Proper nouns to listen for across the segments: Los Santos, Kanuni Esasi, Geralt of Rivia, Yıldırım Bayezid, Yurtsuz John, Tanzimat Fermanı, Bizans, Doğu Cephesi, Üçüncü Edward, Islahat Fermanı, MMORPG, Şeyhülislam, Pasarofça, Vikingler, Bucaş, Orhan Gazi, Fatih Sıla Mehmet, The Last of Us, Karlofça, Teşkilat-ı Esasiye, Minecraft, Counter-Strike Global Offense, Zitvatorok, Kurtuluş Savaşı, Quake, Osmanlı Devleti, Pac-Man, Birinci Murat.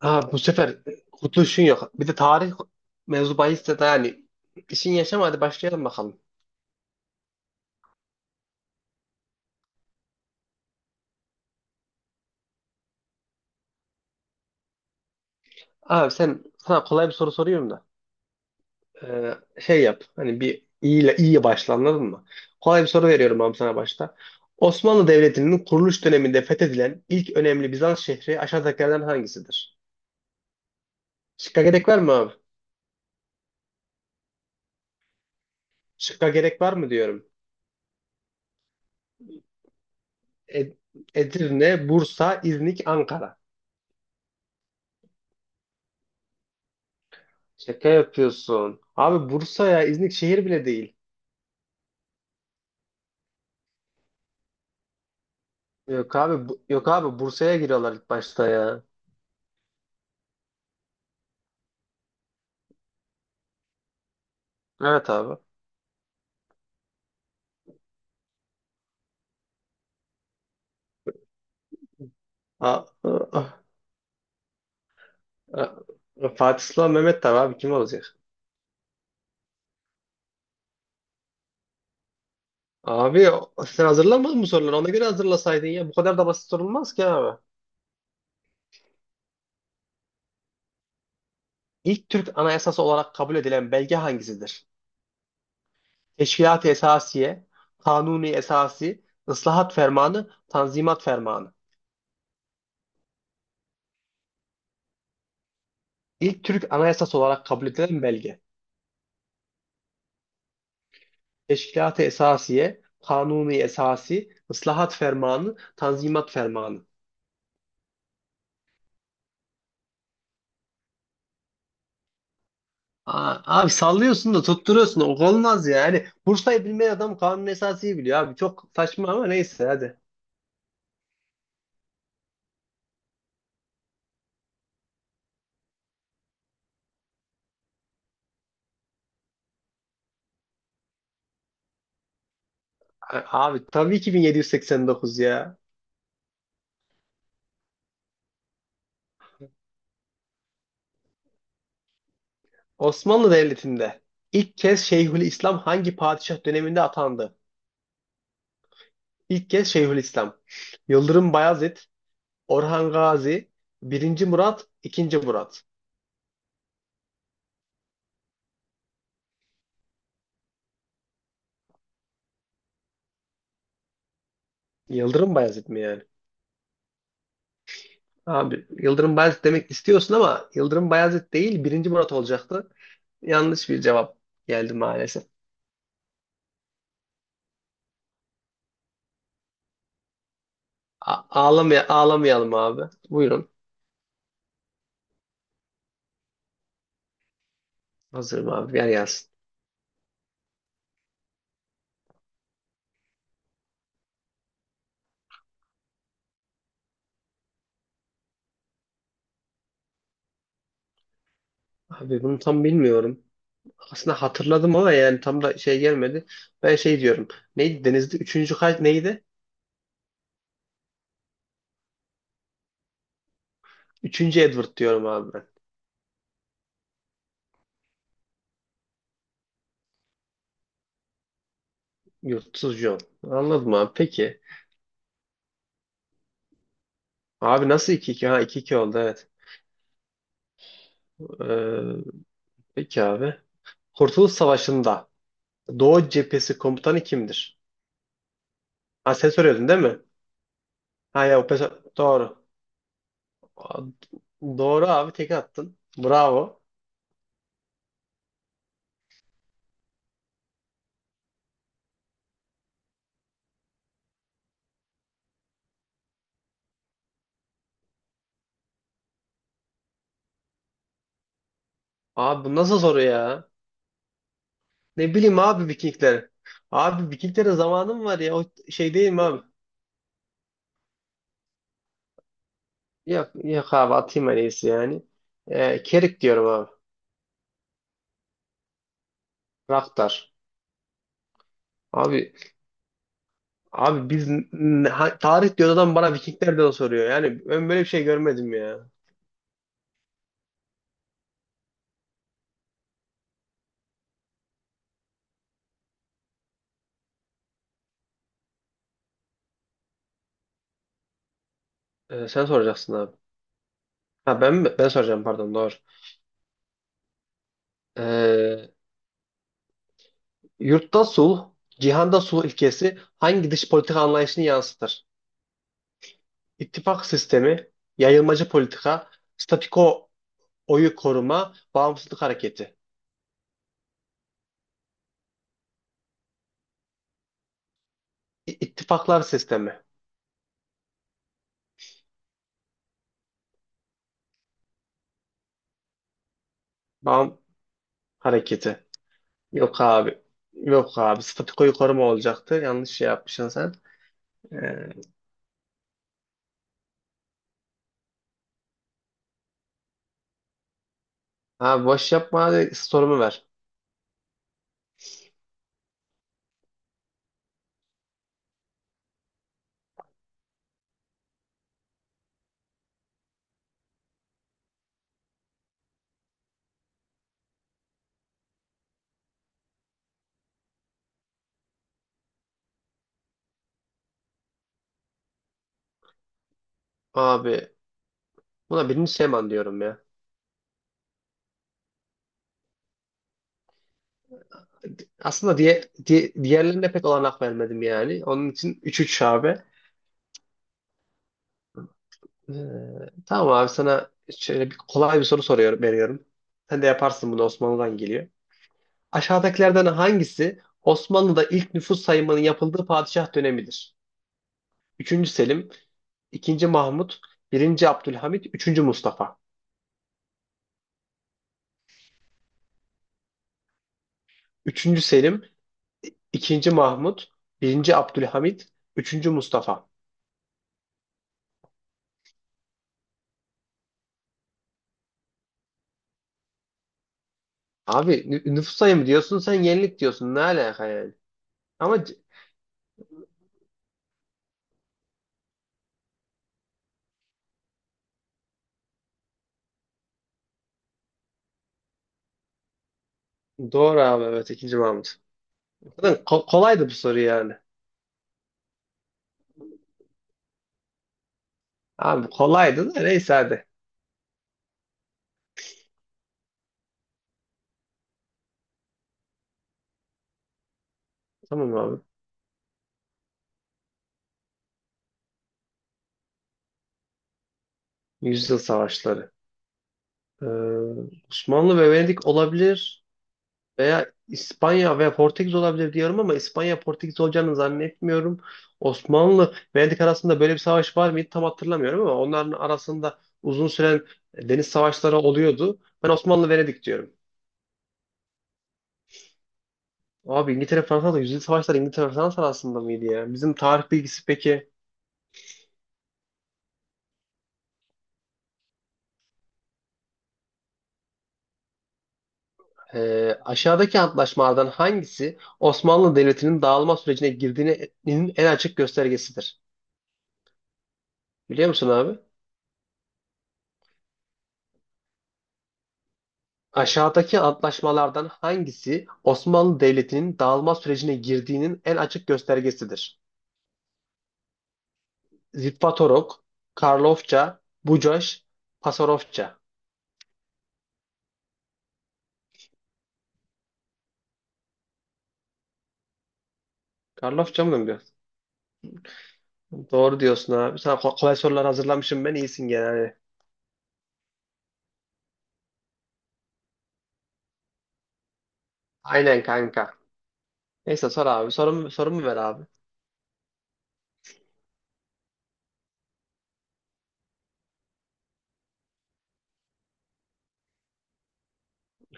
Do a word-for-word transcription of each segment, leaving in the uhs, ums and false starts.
Ha, bu sefer kurtuluşun yok. Bir de tarih mevzu bahisse de yani işin yaşama hadi başlayalım bakalım. Abi sen sana kolay bir soru soruyorum da Ee, şey yap, hani, bir iyiyle iyiye başla, anladın mı? Kolay bir soru veriyorum abi sana başta. Osmanlı Devleti'nin kuruluş döneminde fethedilen ilk önemli Bizans şehri aşağıdakilerden hangisidir? Şıkka gerek var mı abi? Şıkka gerek var mı diyorum. Ed- Edirne, Bursa, İznik, Ankara. Şaka yapıyorsun. Abi Bursa ya, İznik şehir bile değil. Yok abi, bu- yok abi Bursa'ya giriyorlar ilk başta ya. Evet abi. A- a- a- Fatih Sıla Mehmet, tabii abi, kim olacak? Abi sen hazırlamadın mı soruları? Ona göre hazırlasaydın ya. Bu kadar da basit sorulmaz ki abi. İlk Türk Anayasası olarak kabul edilen belge hangisidir? Teşkilat-ı Esasiye, Kanuni Esasi, Islahat Fermanı, Tanzimat Fermanı. İlk Türk Anayasası olarak kabul edilen belge. Teşkilat-ı Esasiye, Kanuni Esasi, Islahat Fermanı, Tanzimat Fermanı. Aa, Abi sallıyorsun da tutturuyorsun da olmaz ya. Yani Bursa'yı bilmeyen adam kanun esasıyı biliyor abi. Çok saçma ama neyse hadi. A- Abi tabii ki bin yedi yüz seksen dokuz ya. Osmanlı Devleti'nde ilk kez Şeyhülislam hangi padişah döneminde atandı? İlk kez Şeyhülislam. Yıldırım Bayezid, Orhan Gazi, Birinci Murat, ikinci. Murat. Yıldırım Bayezid mi yani? Abi Yıldırım Bayezid demek istiyorsun ama Yıldırım Bayezid değil, Birinci Murat olacaktı. Yanlış bir cevap geldi maalesef. A- ağlamaya ağlamayalım abi. Buyurun. Hazırım abi. Yer gelsin. Abi bunu tam bilmiyorum. Aslında hatırladım ama yani tam da şey gelmedi. Ben şey diyorum. Neydi denizde? Üçüncü kalp neydi? Üçüncü Edward diyorum abi ben. Yurtsuz John. Anladım abi. Peki. Abi nasıl iki iki? Ha, iki iki oldu, evet. Ee, peki abi. Kurtuluş Savaşı'nda Doğu Cephesi komutanı kimdir? Ha, sen soruyordun değil mi? Ha ya, o pes- doğru. Doğru abi, tek attın. Bravo. Abi bu nasıl soru ya? Ne bileyim abi Vikingler. Abi Vikinglere zamanım var ya. O şey değil mi abi? Yok, yok abi, atayım en iyisi yani. Ee, Kerik diyorum abi. Raktar. Abi abi, biz n- ha- tarih diyor adam, bana Vikinglerden soruyor. Yani ben böyle bir şey görmedim ya. Ee, sen soracaksın abi. Ha, ben mi? Ben soracağım, pardon, doğru. Ee, yurtta sulh, cihanda sulh ilkesi hangi dış politika anlayışını yansıtır? İttifak sistemi, yayılmacı politika, statiko oyu koruma, bağımsızlık hareketi. İ- ittifaklar sistemi, bağım hareketi. Yok abi. Yok abi. Statikoyu koruma olacaktı. Yanlış şey yapmışsın sen. Ee, abi boş yapma, hadi sorumu ver. Abi buna birinci Süleyman diyorum ya. Aslında diye, diye, diğerlerine pek olanak vermedim yani. Onun için üç üç abi. Ee, tamam abi, sana şöyle bir kolay bir soru soruyorum, veriyorum. Sen de yaparsın bunu, Osmanlı'dan geliyor. Aşağıdakilerden hangisi Osmanlı'da ilk nüfus sayımının yapıldığı padişah dönemidir? Üçüncü Selim, ikinci. Mahmut, Birinci Abdülhamit, Üçüncü Mustafa. Üçüncü Selim, ikinci. Mahmut, Birinci Abdülhamit, Üçüncü Mustafa. Abi nü- nüfus sayımı diyorsun, sen yenilik diyorsun, ne alaka yani? Ama c- doğru abi, evet, ikinci. Mahmut. Zaten ko- kolaydı bu soru yani. Abi kolaydı da neyse hadi. Tamam abi. Yüzyıl savaşları. Ee, Osmanlı ve Venedik olabilir. Veya İspanya ve Portekiz olabilir diyorum, ama İspanya Portekiz olacağını zannetmiyorum. Osmanlı Venedik arasında böyle bir savaş var mıydı tam hatırlamıyorum, ama onların arasında uzun süren deniz savaşları oluyordu. Ben Osmanlı Venedik diyorum. Abi İngiltere Fransa, da yüzyıl savaşları İngiltere Fransa arasında mıydı ya? Bizim tarih bilgisi peki. E, aşağıdaki antlaşmalardan hangisi Osmanlı Devleti'nin dağılma sürecine girdiğinin en açık göstergesidir? Biliyor musun abi? Aşağıdaki antlaşmalardan hangisi Osmanlı Devleti'nin dağılma sürecine girdiğinin en açık göstergesidir? Zitvatorok, Karlofça, Bucaş, Pasarofça. Karlofça mı diyor? Doğru diyorsun abi. Sana ko- kolay sorular hazırlamışım ben. İyisin genelde. Aynen kanka. Neyse sor abi. Sorumu, sorumu ver abi.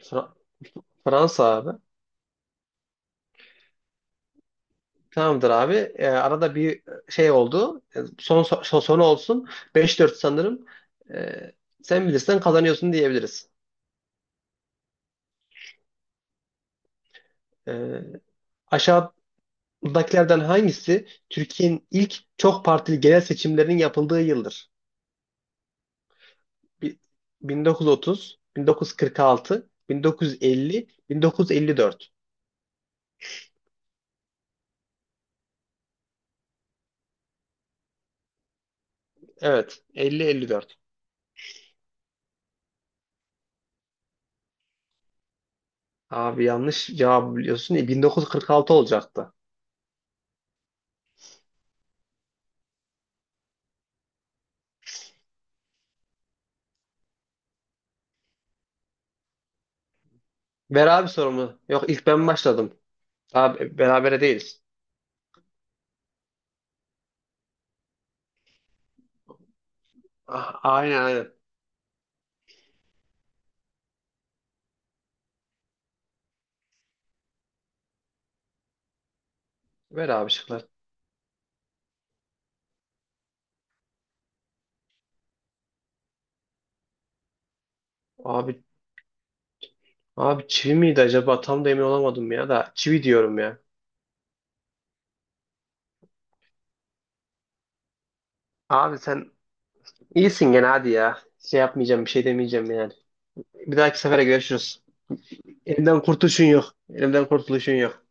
Fra- Fransa abi. Tamamdır abi. Ee, arada bir şey oldu. Ee, Son, son, son olsun. Beş dört sanırım. Ee, sen bilirsen kazanıyorsun diyebiliriz. Ee, Aşağıdakilerden hangisi Türkiye'nin ilk çok partili genel seçimlerinin yapıldığı yıldır? Bi- bin dokuz yüz otuz, bin dokuz yüz kırk altı, bin dokuz yüz elli, bin dokuz yüz elli dört. Evet, elli elli dört. Abi yanlış cevap biliyorsun. E, bin dokuz yüz kırk altı olacaktı. Ver abi sorumu. Yok, ilk ben başladım. Abi berabere değiliz. Ah, aynen aynen. Ver abi şıklar. Abi abi, çivi miydi acaba? Tam da emin olamadım, ya da çivi diyorum ya. Abi sen İyisin gene hadi ya. Şey yapmayacağım, bir şey demeyeceğim yani. Bir dahaki sefere görüşürüz. Elimden kurtuluşun yok. Elimden kurtuluşun yok.